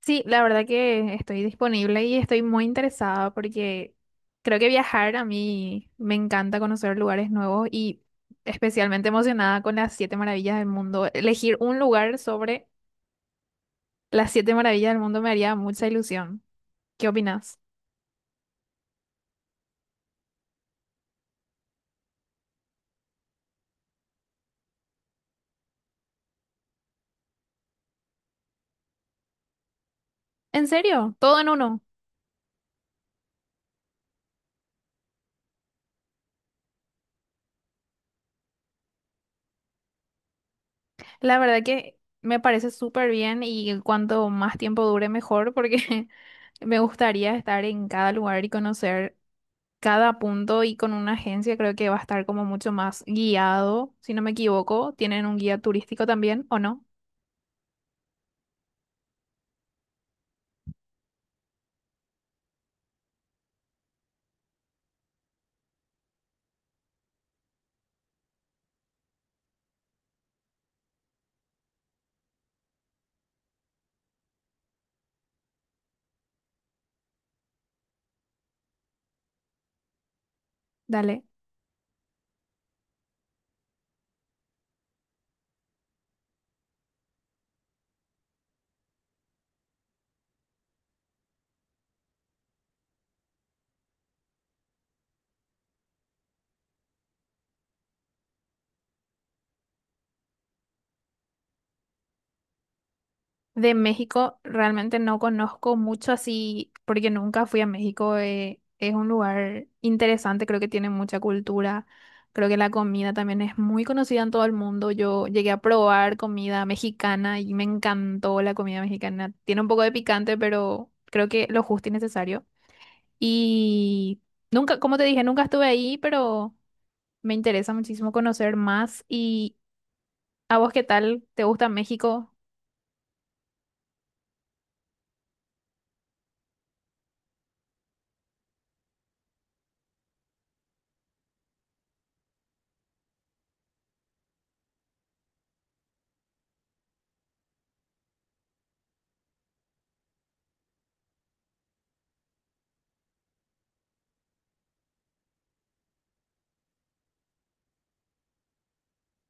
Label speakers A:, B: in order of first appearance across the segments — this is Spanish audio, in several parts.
A: Sí, la verdad que estoy disponible y estoy muy interesada porque creo que viajar a mí me encanta conocer lugares nuevos y especialmente emocionada con las siete maravillas del mundo. Elegir un lugar sobre las siete maravillas del mundo me haría mucha ilusión. ¿Qué opinas? ¿En serio? Todo en uno. La verdad que me parece súper bien y cuanto más tiempo dure mejor porque me gustaría estar en cada lugar y conocer cada punto, y con una agencia creo que va a estar como mucho más guiado, si no me equivoco. ¿Tienen un guía turístico también o no? Dale. De México realmente no conozco mucho así porque nunca fui a México. Es un lugar interesante, creo que tiene mucha cultura. Creo que la comida también es muy conocida en todo el mundo. Yo llegué a probar comida mexicana y me encantó la comida mexicana. Tiene un poco de picante, pero creo que lo justo y necesario. Y nunca, como te dije, nunca estuve ahí, pero me interesa muchísimo conocer más. ¿Y a vos qué tal? ¿Te gusta México?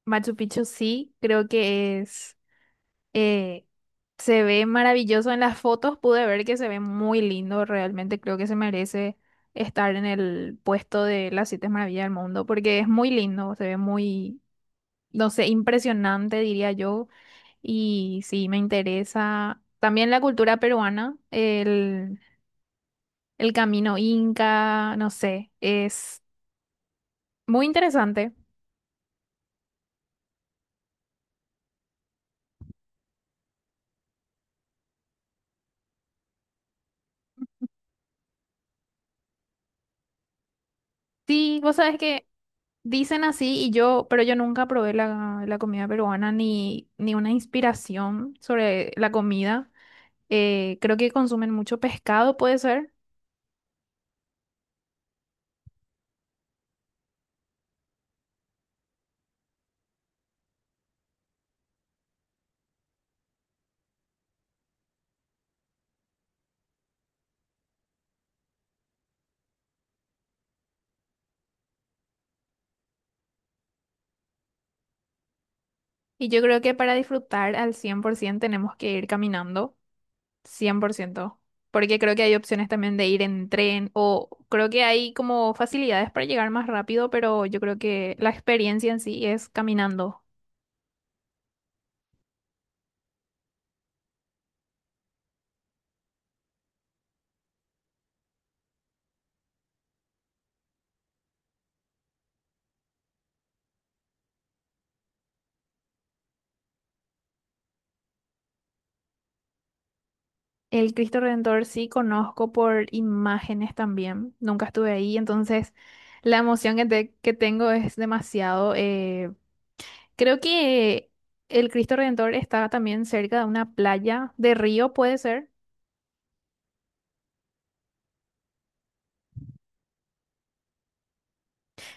A: Machu Picchu sí, creo que es, eh, se ve maravilloso en las fotos, pude ver que se ve muy lindo, realmente creo que se merece estar en el puesto de las siete maravillas del mundo, porque es muy lindo, se ve muy, no sé, impresionante, diría yo. Y sí, me interesa también la cultura peruana, el camino inca, no sé, es muy interesante. Sí, vos sabes que dicen así y yo, pero yo nunca probé la comida peruana, ni, ni una inspiración sobre la comida. Creo que consumen mucho pescado, puede ser. Y yo creo que para disfrutar al 100% tenemos que ir caminando, cien por ciento. Porque creo que hay opciones también de ir en tren o creo que hay como facilidades para llegar más rápido, pero yo creo que la experiencia en sí es caminando. El Cristo Redentor sí conozco por imágenes también. Nunca estuve ahí, entonces la emoción que, que tengo es demasiado. Creo que el Cristo Redentor está también cerca de una playa de río, puede ser.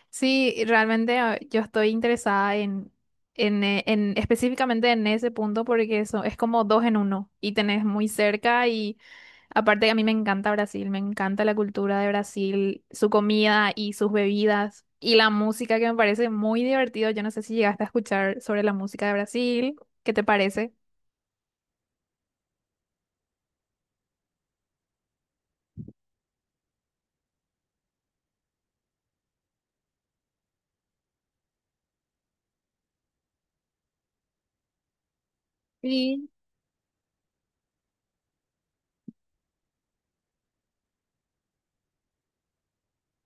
A: Sí, realmente ah, yo estoy interesada en, específicamente en ese punto, porque eso es como dos en uno y tenés muy cerca. Aparte, a mí me encanta Brasil, me encanta la cultura de Brasil, su comida y sus bebidas y la música que me parece muy divertido. Yo no sé si llegaste a escuchar sobre la música de Brasil, ¿qué te parece? Sí.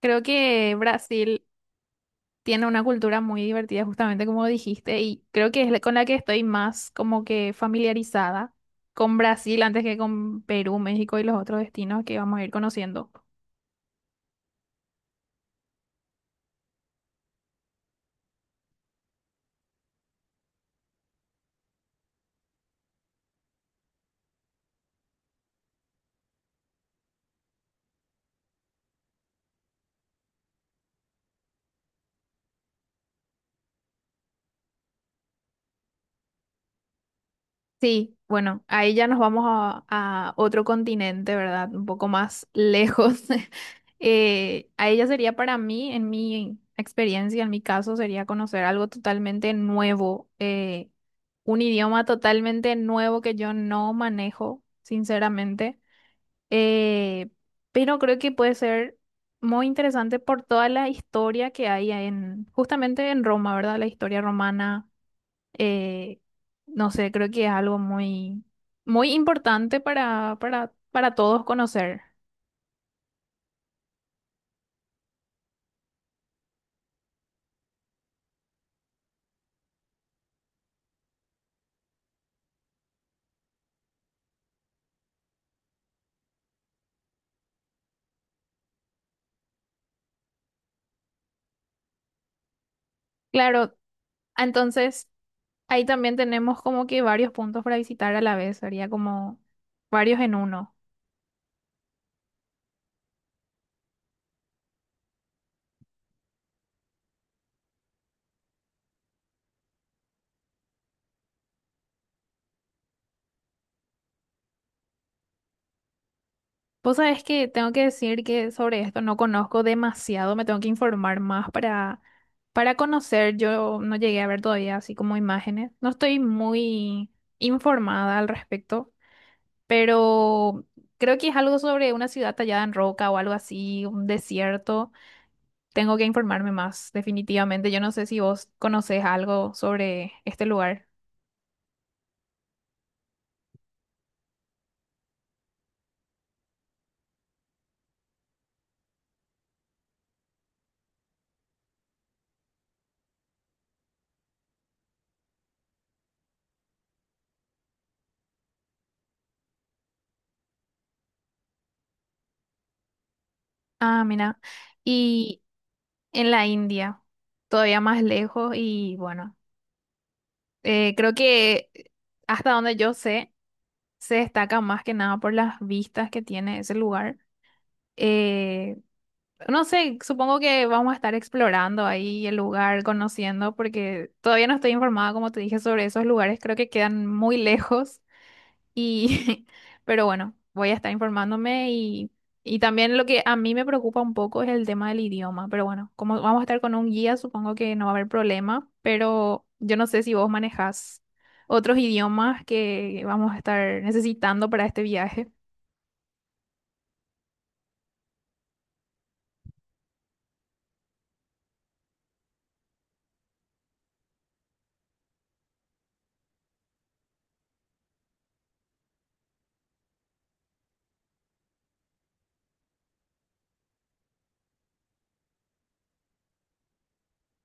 A: Creo que Brasil tiene una cultura muy divertida, justamente como dijiste, y creo que es con la que estoy más como que familiarizada, con Brasil antes que con Perú, México y los otros destinos que vamos a ir conociendo. Sí, bueno, ahí ya nos vamos a otro continente, ¿verdad? Un poco más lejos. Ahí ya sería para mí, en mi experiencia, en mi caso, sería conocer algo totalmente nuevo, un idioma totalmente nuevo que yo no manejo, sinceramente. Eh, pero creo que puede ser muy interesante por toda la historia que hay en, justamente en Roma, ¿verdad? La historia romana, eh, no sé, creo que es algo muy, muy importante para todos conocer. Claro, entonces ahí también tenemos como que varios puntos para visitar a la vez, sería como varios en uno. Vos sabés que tengo que decir que sobre esto no conozco demasiado, me tengo que informar más para conocer. Yo no llegué a ver todavía así como imágenes, no estoy muy informada al respecto. Pero creo que es algo sobre una ciudad tallada en roca o algo así, un desierto. Tengo que informarme más, definitivamente. Yo no sé si vos conocés algo sobre este lugar. Ah, mira. Y en la India, todavía más lejos y bueno, creo que hasta donde yo sé, se destaca más que nada por las vistas que tiene ese lugar. Eh, No sé, supongo que vamos a estar explorando ahí el lugar, conociendo, porque todavía no estoy informada, como te dije, sobre esos lugares. Creo que quedan muy lejos y, pero bueno, voy a estar informándome y también lo que a mí me preocupa un poco es el tema del idioma. Pero bueno, como vamos a estar con un guía, supongo que no va a haber problema, pero yo no sé si vos manejás otros idiomas que vamos a estar necesitando para este viaje.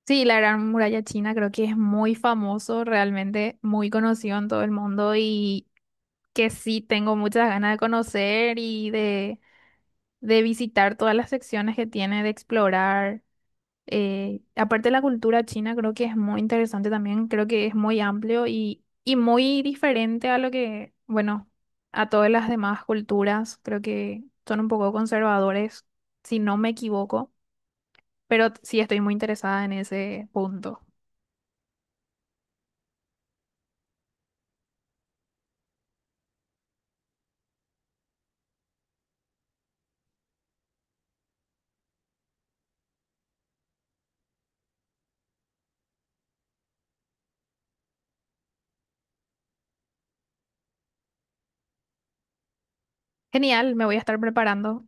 A: Sí, la Gran Muralla China creo que es muy famoso, realmente muy conocido en todo el mundo y que sí tengo muchas ganas de conocer y de visitar todas las secciones que tiene, de explorar. Aparte la cultura china creo que es muy interesante también, creo que es muy amplio y muy diferente a lo que, bueno, a todas las demás culturas, creo que son un poco conservadores, si no me equivoco, pero sí estoy muy interesada en ese punto. Genial, me voy a estar preparando.